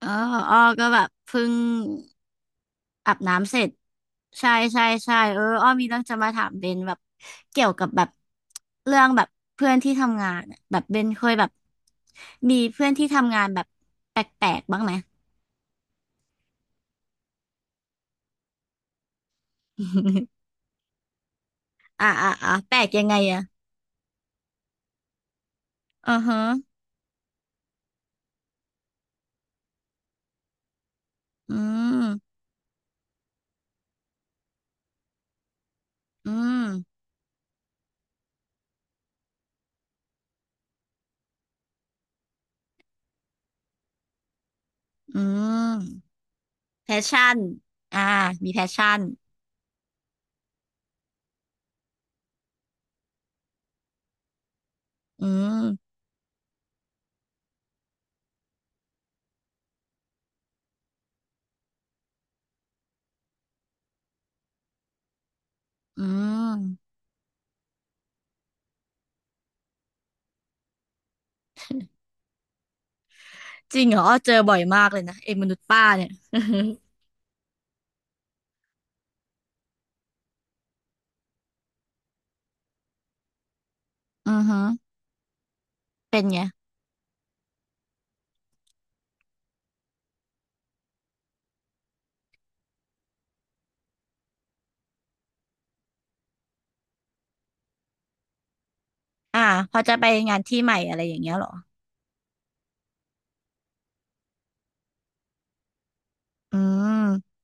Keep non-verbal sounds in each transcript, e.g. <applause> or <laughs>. เออของอ้อก็แบบเพิ่งอาบน้ำเสร็จ ใช่ใช่ใช่เอออ้อมีเรื่องจะมาถามเบนแบบเกี่ยวกับแบบเรื่องแบบเพื่อนที่ทำงานอะแบบเบนเคยแบบมีเพื่อนที่ทำงานแบบแปลกๆบ้างไหม <laughs> อ่าอ่าอ่าแปลกยังไงอะอือฮะอืมอืมอืมแพชชั่นอ่ามีแพชชั่นอืมอืมจริงเหรออ้อเจอบ่อยมากเลยนะไอ้มนุษย์ป้าเนี่ย <laughs> อือฮึ เป็นไงอ่าพอจะไปงานที่ใหม่อะไรอย่างเงี้ยเหรออืม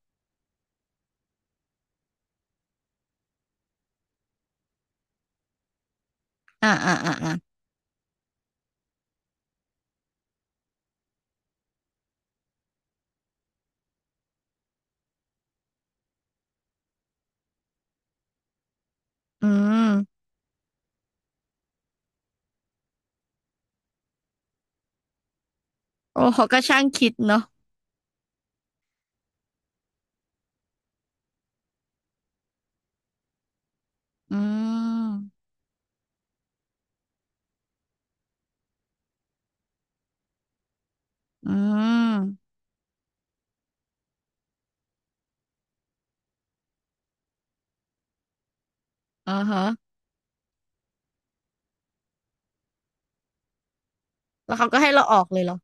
อ่าอ่าอ่าอ่าอืมโอ้เขาก็ช่างคิดเนาะอืมอืมอ่าฮะแล้วเขาก็ให้เราออกเลยเหรอ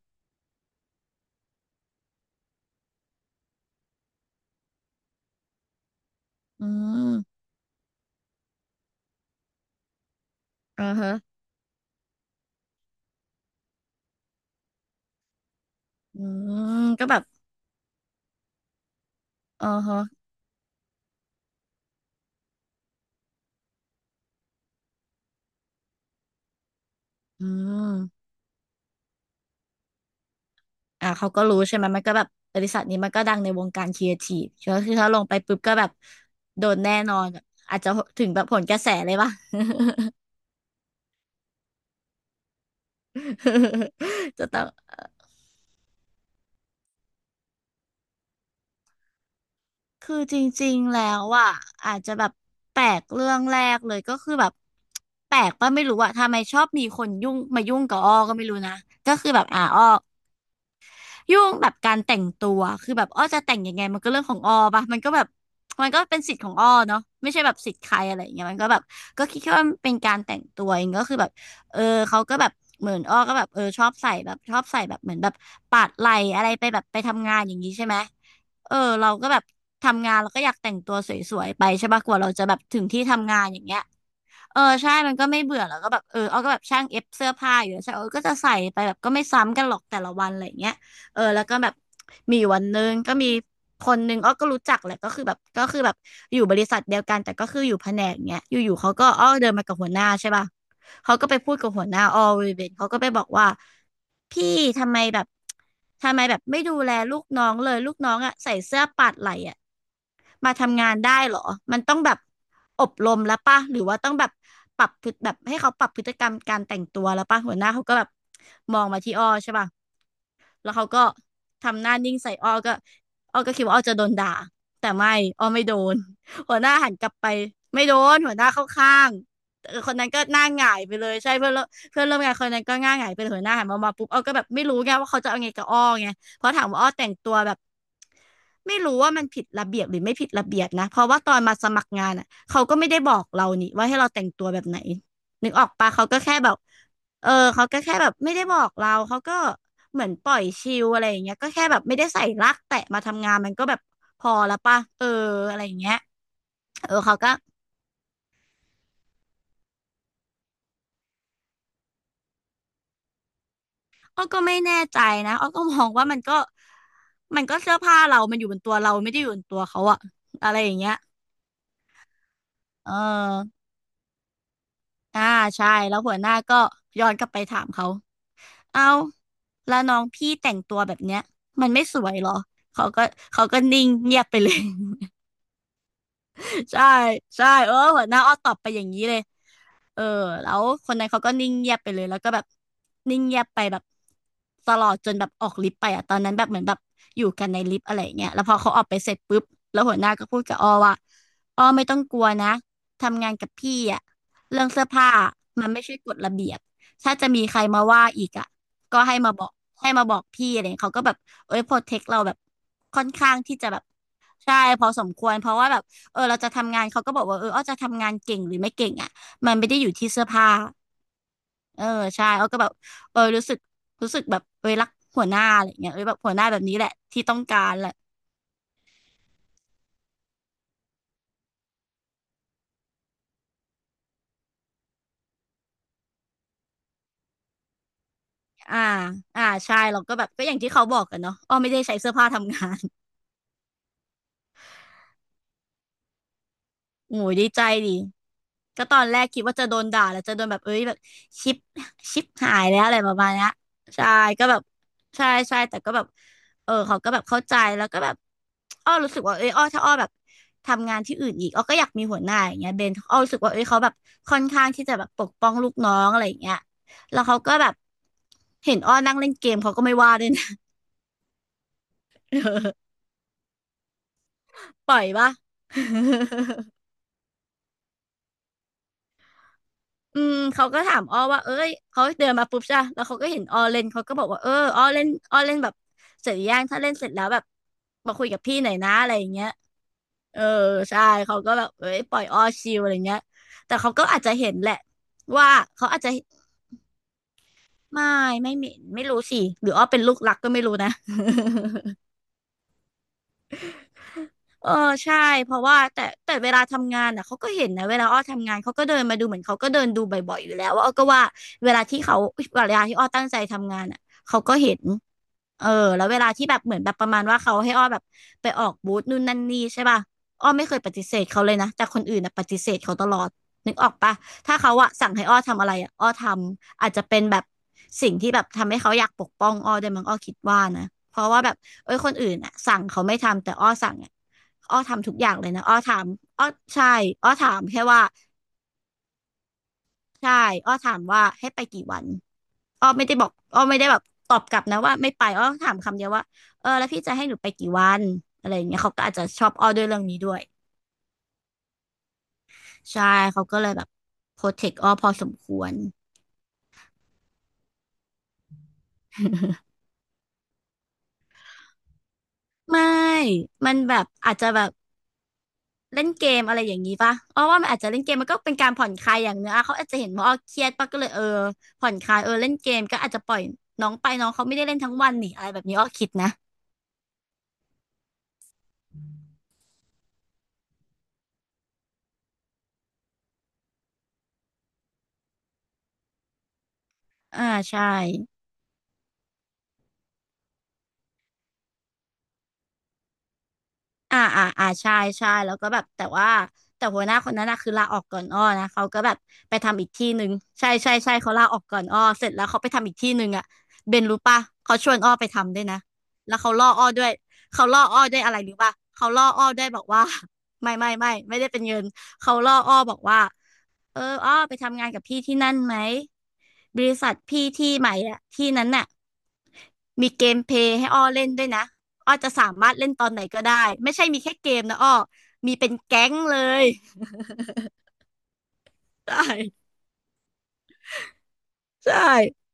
อืมอ่าฮะอืมก็แบบอ่าฮะอืมอ่าเขาก็รู้ใช่ไหมมันก็แบบบริษัทนี้มันก็ดังในวงการครีเอทีฟก็คือถ้าลงไปปุ๊บก็แบบโดนแน่นอน อาจจะถึงแบบผลกระแสเลยป่ะ <laughs> จะต้อง คือจริงๆ แล้วอ่ะอาจจะแบบแปลกเรื่องแรกเลยก็คือแบบแปลกป่ะไม่รู้อ่ะทำไมชอบมีคนยุ่งมายุ่งกับอ้อก็ไม่รู้นะก็คือแบบอ้อ ยุ่งแบบการแต่งตัวคือแบบอ้อจะแต่งยังไงมันก็เรื่องของอ้อปะมันก็แบบมันก็เป็นสิทธิ์ของอ้อเนาะไม่ใช่แบบสิทธิ์ใครอะไรอย่างเงี้ยมันก็แบบก็คิดแค่ว่ามันเป็นการแต่งตัวเองก็คือแบบเออเขาก็แบบเหมือนอ้อก็แบบเออชอบใส่แบบชอบใส่แบบเหมือนแบบปาดไหล่อะไรไปแบบไปทำงานอย่างนี้ใช่ไหมเออเราก็แบบทำงานเราก็อยากแต่งตัวสวยๆไปใช่ปะกว่าเราจะแบบถึงที่ทำงานอย่างเงี้ย เออใช่มันก็ไม่เบื่อแล้วก็แบบเออเอาก็แบบช่างเอฟเสื้อผ้าอยู่แล้วใช่เออก็จะใส่ไปแบบก็ไม่ซ้ำกันหรอกแต่ละวันอะไรอย่างเงี้ยเออแล้วก็แบบมีอยู่วันหนึงก็มีคนหนึงอ้อก็รู้จักแหละก็คือแบบก็คือแบบอยู่บริษัทเดียวกันแต่ก็คืออยู่แผนกเงี้ยอยู่ๆเขาก็อ้อเดินมากับหัวหน้าใช่ป่ะเขาก็ไปพูดกับหัวหน้าอ้อเวเบนเขาก็ไปบอกว่าพี่ทำไมแบบทำไมแบบไม่ดูแลลูกน้องเลยลูกน้องอะใส่เสื้อปาดไหล่อะ มาทำงานได้เหรอ มันต้องแบบอบรมแล้วป่ะ หรือว่าต้องแบบปรับพฤติแบบให้เขาปรับพฤติกรรมการแต่งตัวแล้วป่ะ หัวหน้าเขาก็แบบมองมาที่อ้อใช่ป่ะ แล้วเขาก็ทำหน้านิ่งใส่อ้อก็อ้อก็คิดว่าอ้อจะโดนด่าแต่ไม่อ้อไม่โดน <laughs> หัวหน้าหันกลับไปไม่โดนหัวหน้าเข้าข้างคนนั้นก็หน้าหงายไปเลยใช่เพื่อนเพื่อนร่วมงานคนนั้นก็หน้าหงายไปเหัวหน้าหันมามาปุ๊บอ้อก็แบบไม่รู้ไงว่าเขาจะเอาไงกับอ้อไงเพราะถามว่าอ้อแต่งตัวแบบไม่รู้ว่ามันผิดระเบียบหรือไม่ผิดระเบียบนะเพราะว่าตอนมาสมัครงานอ่ะเขาก็ไม่ได้บอกเรานี่ว่าให้เราแต่งตัวแบบไหนนึกออกปะเขาก็แค่แบบ เออเขาก็แค่แบบไม่ได้บอกเราเขาก็เหมือนปล่อยชิลอะไรอย่างเงี้ยก็แค่แบบไม่ได้ใส่ลักแตะมาทำงานมันก็แบบพอแล้วป่ะเอออะไรอย่างเงี้ยเออเขาก็อ้อก็ไม่แน่ใจนะอ้อก็มองว่ามันก็มันก็เสื้อผ้าเรามันอยู่บนตัวเราไม่ได้อยู่บนตัวเขาอะอะไรอย่างเงี้ยเอออ่าใช่แล้วหัวหน้าก็ย้อนกลับไปถามเขาเอาแล้วน้องพี่แต่งตัวแบบเนี้ยมันไม่สวยเหรอเขาก็เขาก็นิ่งเงียบไปเลย ใช่ ใช่เออหัวหน้าอ้อตอบไปอย่างนี้เลย เออแล้วคนนั้นเขาก็นิ่งเงียบไปเลยแล้วก็แบบนิ่งเงียบไปแบบตลอดจนแบบออกลิฟต์ไปอ่ะตอนนั้นแบบเหมือนแบบอยู่กันในลิฟต์อะไรอย่างเงี้ยแล้วพอเขาออกไปเสร็จปุ๊บแล้วหัวหน้าก็พูดกับอ้อว่าอ้อไม่ต้องกลัวนะทำงานกับพี่อ่ะเรื่องเสื้อผ้ามันไม่ใช่กฎระเบียบถ้าจะมีใครมาว่าอีกอ่ะก็ให้มาบอกให้มาบอกพี่อะไรเงี้ยเขาก็แบบเอ้ยโปรเทคเราแบบค่อนข้างที่จะแบบใช่พอสมควรเพราะว่าแบบเออเราจะทำงานเขาก็บอกว่าเอออ้อจะทำงานเก่งหรือไม่เก่งอ่ะ มันไม่ได้อยู่ที่เสื้อผ้า เออใช่เอาก็แบบเออรู้สึกรู้สึกแบบ เออรักหัวหน้าอะไรเงี้ยเออแบบหัวหน้าแบบนี้แหละ ที่ต้องการแหละ อ่าใช่เราก็แบบก็อย่างที่เขาบอกกันเนาะอ้อไม่ได้ใช้เสื้อผ้าทำงาน โอ้ยดีใจดิ ก็ตอนแรกคิดว่าจะโดนด่าแล้วจะโดนแบบเอ้ยแบบชิปชิปหายแล้วอะไรประมาณเนี้ยใช่ก็แบบใช่ใช่แต่ก็แบบเออเขาก็แบบเข้าใจแล้วก็แบบอ้อรู้สึกว่าเอ้ยอ้อถ้าอ้อแบบทำงานที่อื่นอีกอ้อก็อยากมีหัวหน้าอย่างเงี้ยเบนอ้อรู้สึกว่าเอ้ยเขาแบบค่อนข้างที่จะแบบปกป้องลูกน้องอะไรอย่างเงี้ยแล้วเขาก็แบบเห็นอ้อนั่งเล่นเกมเขาก็ไม่ว่าด้วยนะ <laughs> เออปล่อยปะ <laughs> อืมเขาก็ถามอ้อว่าเอ้ยเขาเดินมาปุ๊บจ้่ะแล้วเขาก็เห็นอ้อเล่นเขาก็บอกว่าเอออ้อเล่นอ้อเล่นแบบเสร็จหรือยังถ้าเล่นเสร็จแล้วแบบมาคุยกับพี่หน่อยนะอะไรอย่างเงี้ยเออใช่เขาก็แบบเอ้ยปล่อยอ้อชิลอะไรเงี้ยแต่เขาก็อาจจะเห็นแหละว่าเขาอาจจะไม่ไม่เหม็นไม่รู้สิหรืออ้อเป็นลูกรักก็ไม่รู้นะ <laughs> เออใช่เพราะว่าแต่เวลาทำงานน่ะเขาก็เห็นนะเวลาอ้อทำงานเขาก็เดินมาดูเหมือนเขาก็เดินดูบ่อยๆอยู่แล้วว่าอ้อก็ว่าเวลาที่เขาเวลาที่อ้อตั้งใจทำงานอ่ะเขาก็เห็น เออแล้วเวลาที่แบบเหมือนแบบประมาณว่าเขาให้อ้อแบบไปออกบูธนู่นนั่นนี่ใช่ป่ะอ้อไม่เคยปฏิเสธเขาเลยนะแต่คนอื่นนะปฏิเสธเขาตลอดนึกออกปะถ้าเขาอะสั่งให้อ้อทำอะไรอะอ้อทำอาจจะเป็นแบบสิ่งที่แบบทำให้เขาอยากปกป้องอ้อได้วยมั้งอ้อคิดว่านะเพราะว่าแบบเอ้ยคนอื่นอะสั่งเขาไม่ทำแต่อ้อสั่งอะอ้อทำทุกอย่างเลยนะอ้อถามอ้อใช่อ้อถามแค่ว่าใช่อ้อถามว่าให้ไปกี่วัน อ้อไม่ได้บอกอ้อไม่ได้แบบตอบกลับนะว่าไม่ไปอ้อถามคำเดียวว่าเออแล้วพี่จะให้หนูไปกี่วันอะไรอย่างเงี้ยเขาก็อาจจะชอบอ้อด้วยเรื่องนี้ด้วยใช่เขาก็เลยแบบโปรเทคอ้อพอสมควรไม่มันแบบอาจจะแบบเล่นเกมอะไรอย่างนี้ป่ะอ้อว่ามันอาจจะเล่นเกมมันก็เป็นการผ่อนคลายอย่างเนื้อะเขาอาจจะเห็นว่าอ้อเครียดป่ะก็เลยเออผ่อนคลายเออเล่นเกมก็อาจจะปล่อยน้องไปน้องเขาไม่ได้เล่นทั้งวันนี่อะไรแบบนี้อ้อคิดนะอ่าใช่ ใช่ใช่แล้วก็แบบแต่ว่าแต่หัวหน้าคนนั้นนะคือลาออกก่อนอ้อนะเขาก็แบบไปทำอีกที่หนึ่งใช่ใช่ใช่เขาลาออกก่อนอ้อเสร็จแล้วเขาไปทำอีกที่หนึ่งอ่ะเบนรู้ปะเขาชวนอ้อไปทำด้วยนะแล้วเขาล่ออ้อด้วยเขาล่ออ้อด้วยอะไรรู้ปะเขาล่ออ้อด้วยบอกว่า <laughs> ไม่ได้เป็นเงินเขาล่ออ้อบอกว่าเอออ้อไปทำงานกับพี่ที่นั่นไหมบริษัทพี่ที่ใหม่อะที่นั้นน่ะมีเกมเพลย์ให้อ้อเล่นด้วยนะ อ้อจะสามารถเล่นตอนไหนก็ได้ไม่ใช่มีแค่เกมนะอ้อมีเป็นแก๊งเลยใช่ใช่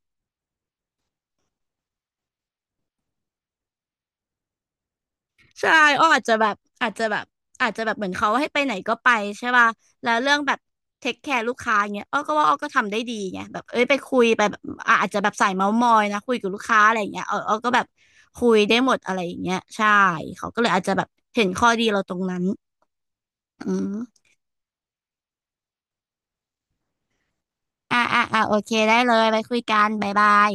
ใช่อ้ออาจจะแบบอาจจะแบบอาจจะแบบเหมือนเขาให้ไปไหนก็ไปใช่ป่ะแล้วเรื่องแบบเทคแคร์ลูกค้าเงี้ยอ้อก็ว่าอ้อก็ทำได้ดีไงแบบเอ้ยไปคุยไปแบบอ่ะอาจจะแบบสายเมาท์มอยนะคุยกับลูกค้าอะไรอย่างเงี้ยเอออ้อก็แบบคุยได้หมดอะไรอย่างเงี้ยใช่เขาก็เลยอาจจะแบบเห็นข้อดีเราตรงนั้นอืมโอเคได้เลยไปคุยกันบ๊ายบาย